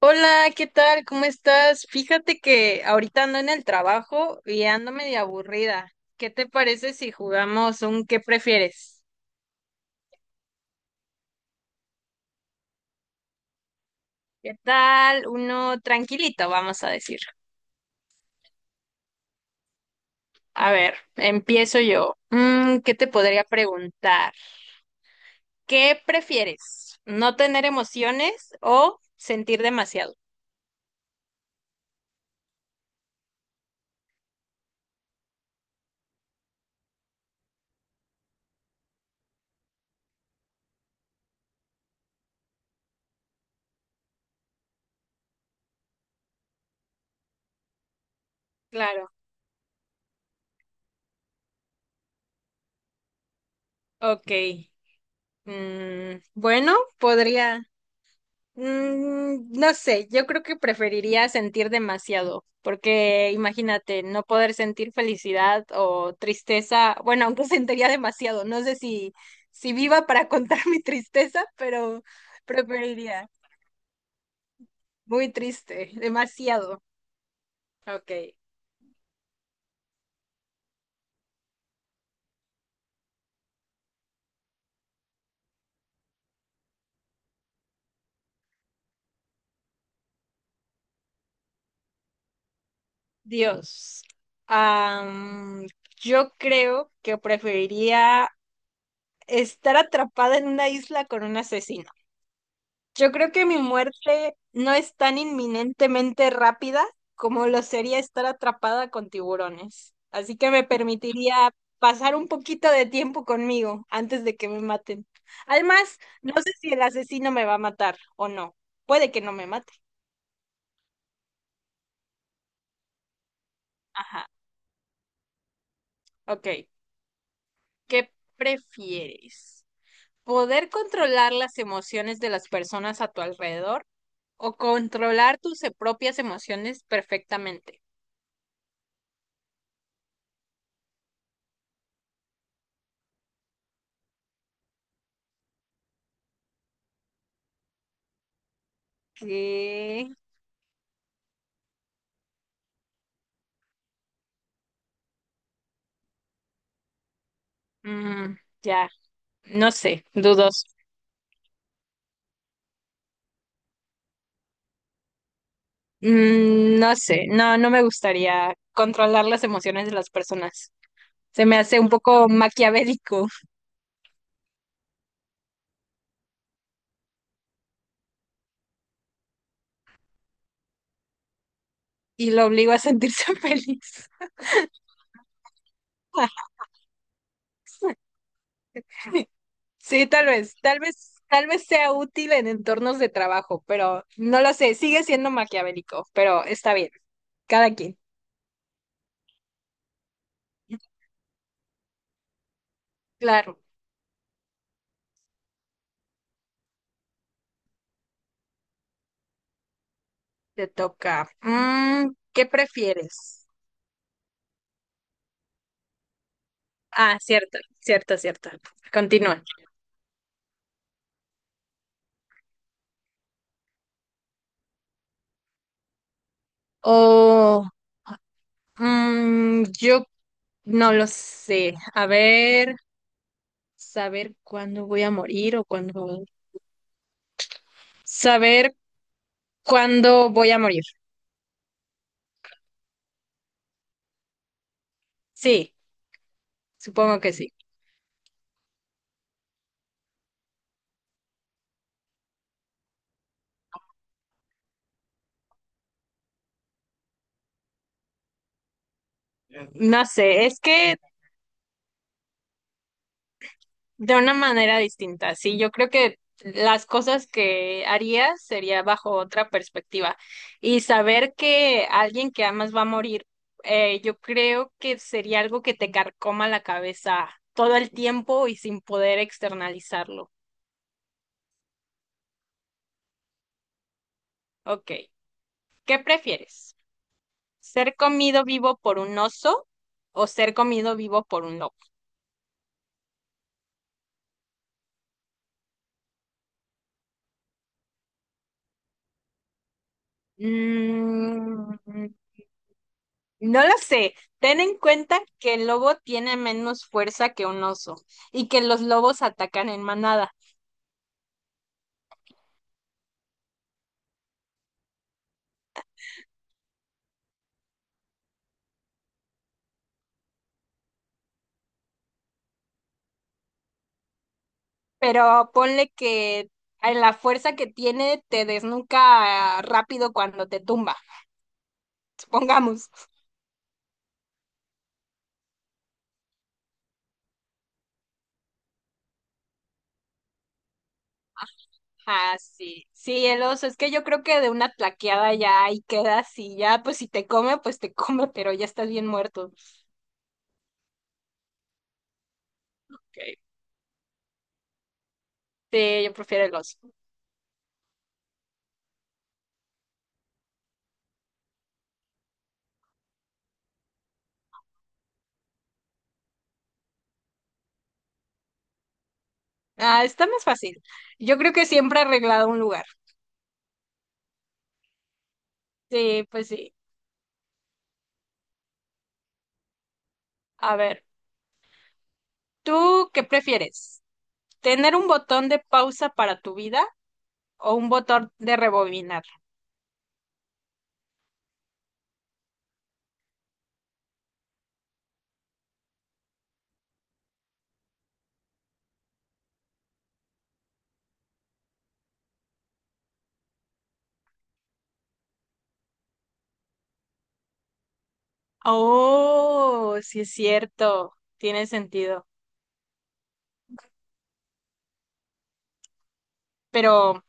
Hola, ¿qué tal? ¿Cómo estás? Fíjate que ahorita ando en el trabajo y ando medio aburrida. ¿Qué te parece si jugamos un qué prefieres? ¿Qué tal? Uno tranquilito, vamos a decir. A ver, empiezo yo. ¿Qué te podría preguntar? ¿Qué prefieres? ¿No tener emociones o sentir demasiado? Claro, ok. Bueno, podría. No sé, yo creo que preferiría sentir demasiado, porque imagínate, no poder sentir felicidad o tristeza, bueno, aunque sentiría demasiado, no sé si, si viva para contar mi tristeza, pero preferiría. Muy triste, demasiado. Ok, Dios. Am, yo creo que preferiría estar atrapada en una isla con un asesino. Yo creo que mi muerte no es tan inminentemente rápida como lo sería estar atrapada con tiburones. Así que me permitiría pasar un poquito de tiempo conmigo antes de que me maten. Además, no sé si el asesino me va a matar o no. Puede que no me mate. Ajá, ok. ¿Qué prefieres? ¿Poder controlar las emociones de las personas a tu alrededor o controlar tus propias emociones perfectamente? ¿Qué? Mm, ya, no sé, dudos. No sé, no me gustaría controlar las emociones de las personas. Se me hace un poco maquiavélico y lo obligo a sentirse feliz. Sí, tal vez sea útil en entornos de trabajo, pero no lo sé, sigue siendo maquiavélico, pero está bien, cada quien. Claro, te toca. ¿Qué prefieres? Ah, cierto, cierto, cierto. Continúa. Oh. Yo no lo sé. A ver, saber cuándo voy a morir o cuándo... Saber cuándo voy a morir. Sí, supongo que sí. No sé, es que de una manera distinta, sí. Yo creo que las cosas que haría sería bajo otra perspectiva. Y saber que alguien que amas va a morir, yo creo que sería algo que te carcoma la cabeza todo el tiempo y sin poder externalizarlo. Ok. ¿Qué prefieres? ¿Ser comido vivo por un oso o ser comido vivo por un lobo? Mm, no lo sé. Ten en cuenta que el lobo tiene menos fuerza que un oso y que los lobos atacan en manada. Pero ponle que a la fuerza que tiene te desnuca rápido cuando te tumba, supongamos. Ah, sí, sí, el oso, es que yo creo que de una tlaqueada ya ahí quedas y ya, pues si te come, pues te come, pero ya estás bien muerto. Ok. Sí, yo prefiero el oso. Ah, está más fácil. Yo creo que siempre he arreglado un lugar. Sí, pues sí. A ver, ¿tú qué prefieres? ¿Tener un botón de pausa para tu vida o un botón de rebobinar? Oh, sí es cierto. Tiene sentido. Pero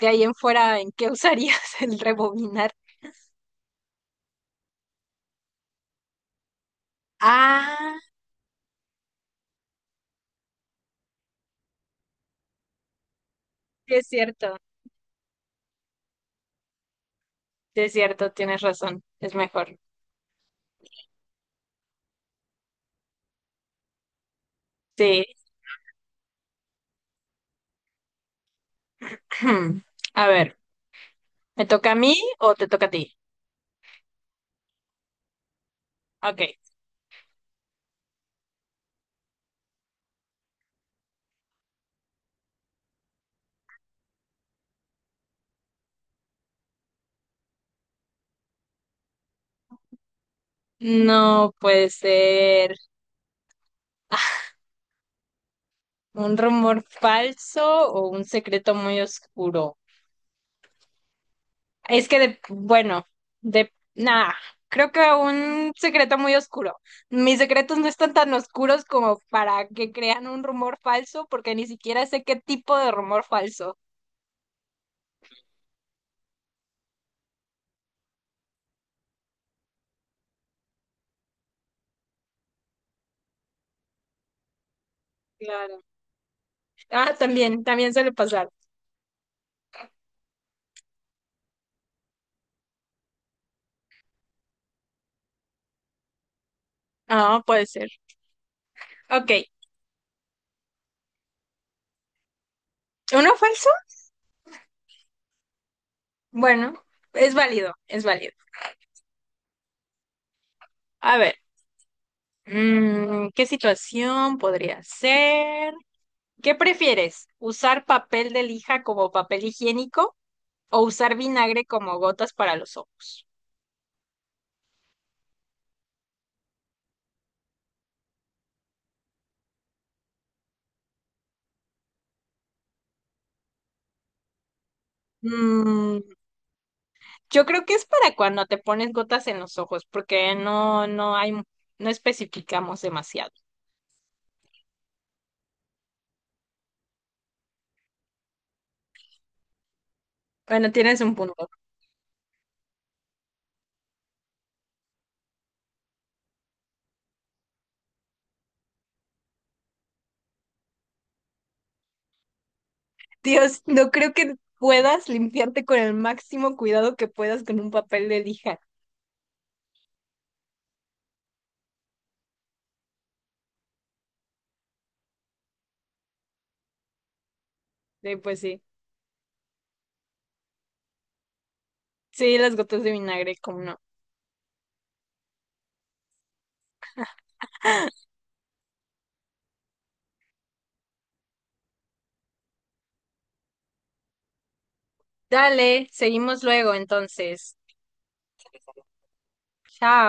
de ahí en fuera, ¿en qué usarías el rebobinar? Ah, sí es cierto. Sí es cierto, tienes razón. Es mejor. Sí. A ver, ¿me toca a mí o te toca a ti? Ok. No puede ser un rumor falso o un secreto muy oscuro. Es que, de, bueno, de nada, creo que un secreto muy oscuro. Mis secretos no están tan oscuros como para que crean un rumor falso, porque ni siquiera sé qué tipo de rumor falso. Claro. Ah, también, también suele pasar. Ah, puede ser. Ok, ¿uno falso? Bueno, es válido, es válido. A ver, ¿qué situación podría ser? ¿Qué prefieres? ¿Usar papel de lija como papel higiénico o usar vinagre como gotas para los ojos? Mm, yo creo que es para cuando te pones gotas en los ojos, porque no hay, no especificamos demasiado. Bueno, tienes un punto. Dios, no creo que puedas limpiarte con el máximo cuidado que puedas con un papel de lija. Sí, pues sí. Sí, las gotas de vinagre, como no. Dale, seguimos luego entonces. Chao.